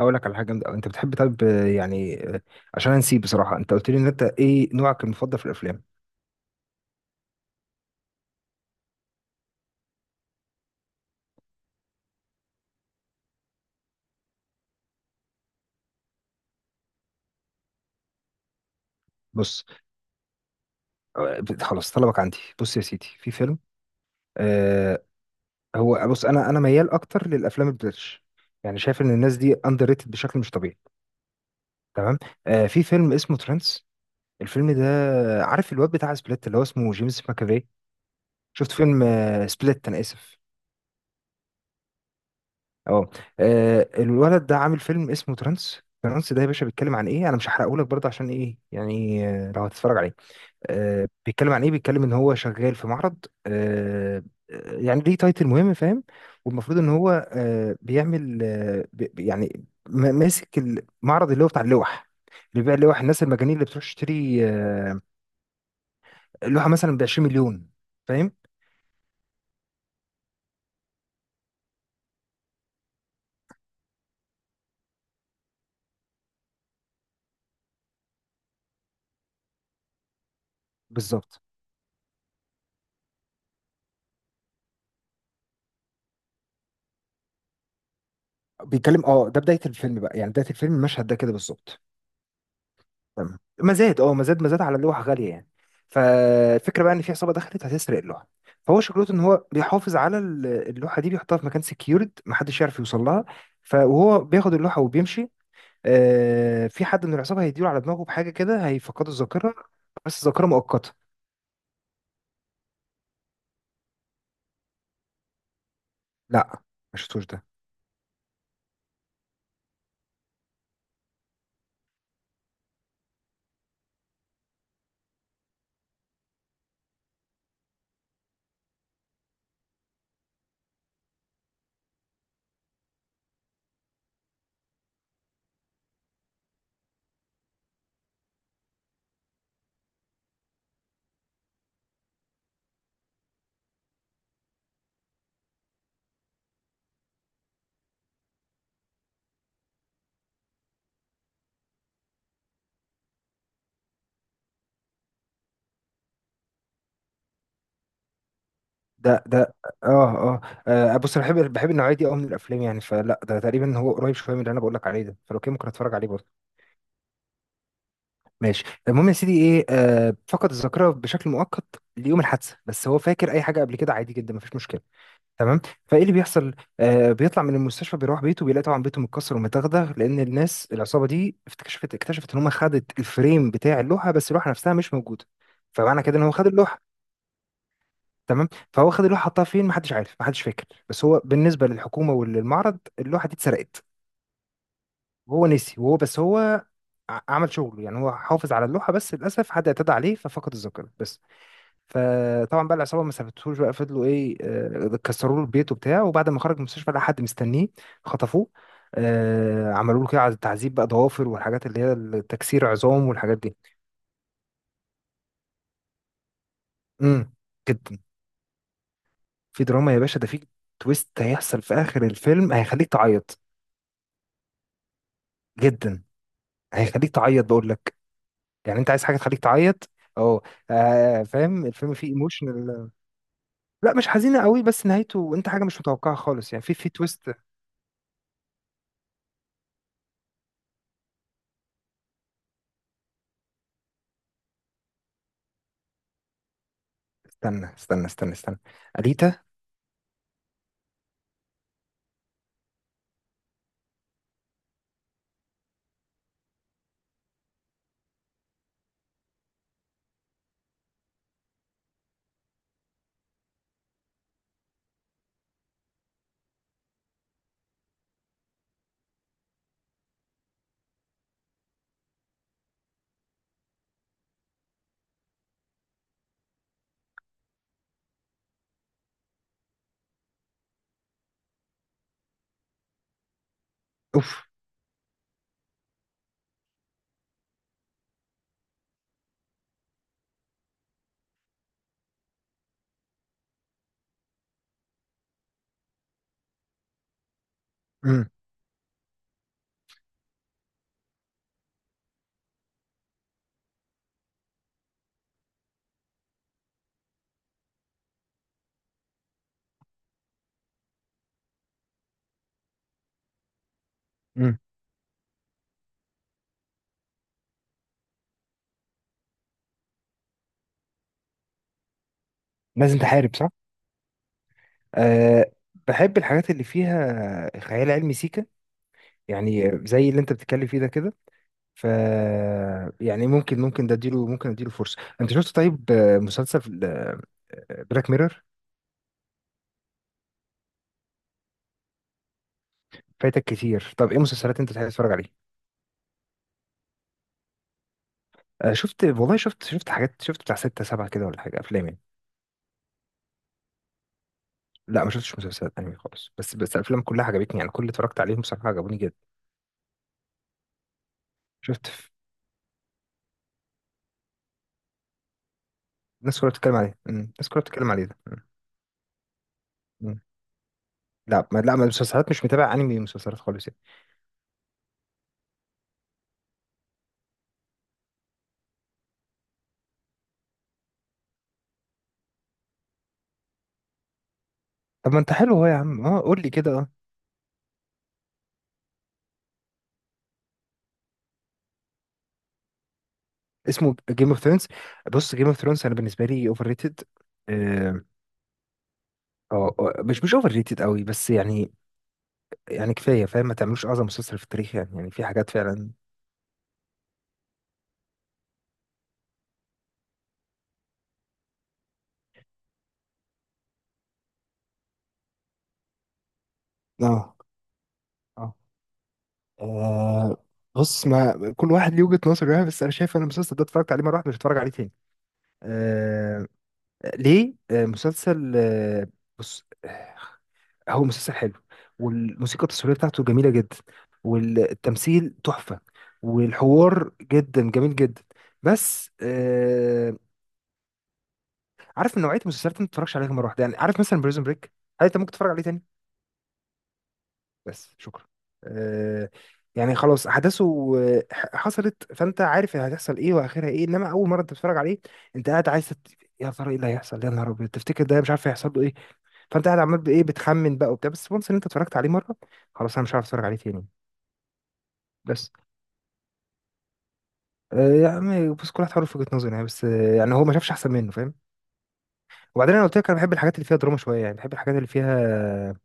اقول لك على حاجه جامده أوي. انت بتحب طب؟ يعني عشان نسيب بصراحه، انت قلت لي ان انت ايه نوعك المفضل في الافلام؟ بص، خلاص طلبك عندي. بص يا سيدي، في فيلم آه هو، بص، انا ميال اكتر للافلام البريتش. يعني شايف ان الناس دي اندر ريتد بشكل مش طبيعي. تمام. في فيلم اسمه ترانس، الفيلم ده. عارف الواد بتاع سبليت اللي هو اسمه جيمس ماكافي؟ شفت فيلم سبليت، انا اسف. اه، الولد ده عامل فيلم اسمه ترانس. ترانس ده يا باشا بيتكلم عن ايه؟ انا مش هحرقه لك برضه، عشان ايه يعني لو هتتفرج عليه. بيتكلم عن ايه؟ بيتكلم ان هو شغال في معرض، يعني ليه تايتل مهم، فاهم. والمفروض ان هو بيعمل ماسك المعرض اللي هو بتاع اللوح، اللي بيبيع اللوح. الناس المجانين اللي بتروح تشتري اللوحه مثلا ب 20 مليون، فاهم. بالظبط. بيتكلم، اه، ده بدايه الفيلم بقى، يعني بدايه الفيلم المشهد ده كده بالظبط. تمام، مزاد. اه، مزاد، مزاد على لوحة غالية يعني. فالفكرة بقى ان في عصابة دخلت هتسرق اللوحة. فهو شغلته ان هو بيحافظ على اللوحة دي، بيحطها في مكان سكيورد محدش يعرف يوصل لها. فهو بياخد اللوحة وبيمشي. في حد من العصابة هيديله على دماغه بحاجة كده، هيفقده الذاكرة، بس ذاكرة مؤقتة. لا، مش شفتوش ده. ده ده اه، اه، بص انا بحب النوعية دي قوي من الافلام يعني. فلا، ده تقريبا هو قريب شوية من اللي انا بقول لك عليه ده، فلو كده ممكن اتفرج عليه برضه. ماشي، المهم يا سيدي ايه، فقد الذاكره بشكل مؤقت ليوم الحادثه، بس هو فاكر اي حاجه قبل كده عادي جدا، مفيش مشكله. تمام. فايه اللي بيحصل؟ بيطلع من المستشفى، بيروح بيته، بيلاقي طبعا بيته متكسر ومتغدغ، لان الناس العصابه دي اكتشفت ان هم خدت الفريم بتاع اللوحه بس اللوحه نفسها مش موجوده. فمعنى كده ان هو خد اللوحه. تمام. فهو خد اللوحه، حطها فين محدش عارف، محدش فاكر، بس هو بالنسبه للحكومه وللمعرض اللوحه دي اتسرقت. وهو نسي. وهو، بس هو عمل شغله يعني. هو حافظ على اللوحة، بس للأسف حد اعتدى عليه ففقد الذاكرة بس. فطبعا بقى العصابه ما سابتهوش، بقى فضلوا ايه، كسروا له البيت وبتاع. وبعد ما خرج من المستشفى لقى حد مستنيه، خطفوه. عملوا له كده تعذيب بقى، ضوافر والحاجات اللي هي التكسير عظام والحاجات دي. امم جدا. في دراما يا باشا، ده في تويست هيحصل في اخر الفيلم، هيخليك تعيط. جدا. هيخليك تعيط، بقول لك. يعني انت عايز حاجه تخليك تعيط. اه. فاهم، الفيلم فيه ايموشنال. لا، مش حزينه قوي، بس نهايته انت حاجه مش متوقعه خالص يعني، في تويست. استنى استنى استنى استنى، أليتا. اوف. امم. امم. لازم تحارب، صح. أه، بحب الحاجات اللي فيها خيال علمي سيكا، يعني زي اللي انت بتتكلم فيه ده كده. ف، يعني ممكن ده اديله، ممكن اديله فرصه. انت شفت طيب مسلسل بلاك ميرور؟ فايتك كتير. طب ايه مسلسلات انت تحب تتفرج عليها؟ أه، شفت والله، شفت حاجات، شفت بتاع ستة سبعة كده ولا حاجه، افلام يعني. لا ما شفتش مسلسلات انمي خالص، بس الافلام كلها عجبتني يعني، كل اللي اتفرجت عليهم بصراحه عجبوني جدا. شفت ف- ناس كلها بتتكلم عليه. مم. ناس كلها بتتكلم عليه ده. مم. لا ما المسلسلات، مش متابع انمي مسلسلات خالص يعني. طب ما انت حلو اهو يا عم، اه، قول لي كده، اه. اسمه جيم اوف ثرونز؟ بص، جيم اوف ثرونز انا بالنسبه لي اوفر ريتد. اه. مش اوفر ريتد قوي، بس يعني، يعني كفايه فاهم، ما تعملوش اعظم مسلسل في التاريخ يعني، يعني في حاجات فعلا. اه، اه، آه، بص، ما كل واحد ليه وجهه نظر يعني، بس انا شايف ان المسلسل ده اتفرجت عليه مره واحده، مش هتفرج عليه تاني. آه ليه؟ مسلسل، بص، هو مسلسل حلو، والموسيقى التصويريه بتاعته جميله جدا، والتمثيل تحفه، والحوار جدا جميل جدا. بس عارف، من نوعيه المسلسلات اللي ما تتفرجش عليها مره واحده يعني، عارف مثلا بريزون بريك، هل انت ممكن تتفرج عليه تاني؟ بس شكرا. آه يعني خلاص احداثه حصلت، فانت عارف هتحصل ايه واخرها ايه. انما اول مره انت بتتفرج عليه، انت قاعد عايز يا ترى ايه اللي هيحصل؟ يا نهار ابيض تفتكر ده، مش عارف هيحصل له ايه. فانت قاعد عمال بايه، بتخمن بقى وبتاع. بس وانس ان انت اتفرجت عليه مره، خلاص انا مش عارف اتفرج عليه تاني. بس يعني بس كل واحد حر في وجهة نظره يعني، بس يعني هو ما شافش احسن منه، فاهم. وبعدين انا قلت لك انا بحب الحاجات اللي فيها دراما شويه يعني، بحب الحاجات اللي فيها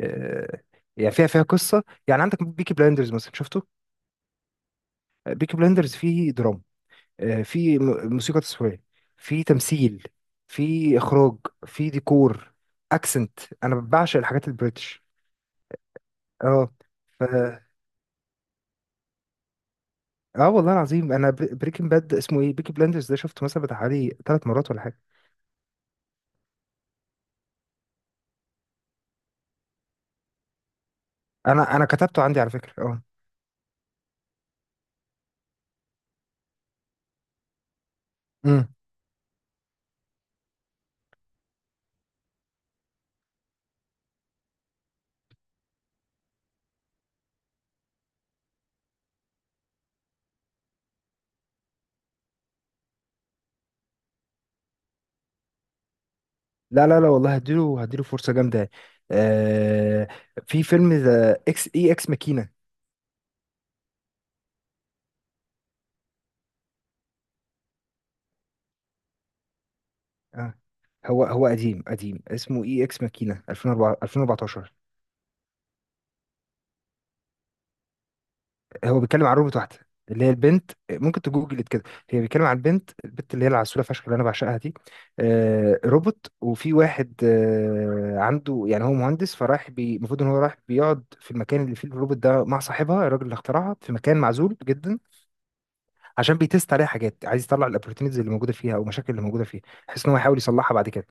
آه، يعني فيها قصه، يعني عندك بيكي بلايندرز مثلا، شفته؟ بيكي بلايندرز فيه دراما، فيه موسيقى تصويريه، فيه تمثيل، فيه اخراج، فيه ديكور، اكسنت. انا بعشق الحاجات البريتش. اه. ف، اه والله العظيم، انا بريكنج باد، اسمه ايه، بيكي بلاندرز ده، شفته مثلا بتاع حوالي 3 مرات ولا حاجه. انا انا كتبته عندي على فكره. اه، لا لا لا والله، هديله فرصة جامدة يعني. آه في فيلم ذا اكس اي اكس ماكينة. آه هو قديم قديم، اسمه اي اكس ماكينة 2004 2014. هو بيتكلم عن روبوت واحدة، اللي هي البنت، ممكن تجوجل كده. هي بيتكلم عن البنت، البنت اللي هي العسولة فشخ اللي انا بعشقها دي. روبوت، وفي واحد عنده، يعني هو مهندس، فراح المفروض ان هو راح بيقعد في المكان اللي فيه الروبوت ده مع صاحبها الراجل اللي اخترعها في مكان معزول جدا. عشان بيتست عليها حاجات، عايز يطلع الاوبورتونيتيز اللي موجوده فيها او المشاكل اللي موجوده فيها، بحيث ان هو يحاول يصلحها بعد كده.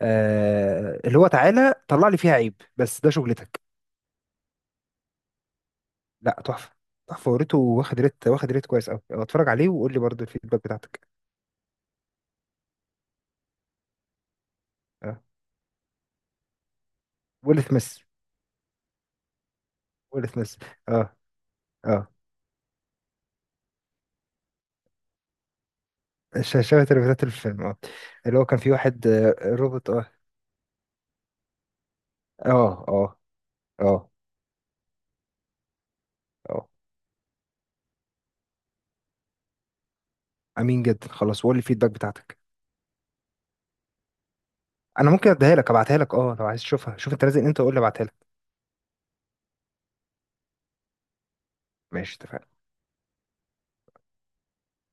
اللي هو تعالى طلع لي فيها عيب، بس ده شغلتك. لا، تحفه. تحفه، وريته واخد ريت كويس قوي. اتفرج عليه وقول لي برضه الفيدباك بتاعتك. اه. ويل سميث. ويل سميث. اه. اه. شاشة الريفيوهات الفيلم. اه، اللي هو كان في واحد، روبوت. اه. اه. اه. اه. اه. امين جدا. خلاص، وقول لي الفيدباك بتاعتك. انا ممكن اديها لك، ابعتها لك، اه، لو عايز تشوفها شوف انت. لازم انت، وقول لي ابعتها لك. ماشي، اتفقنا.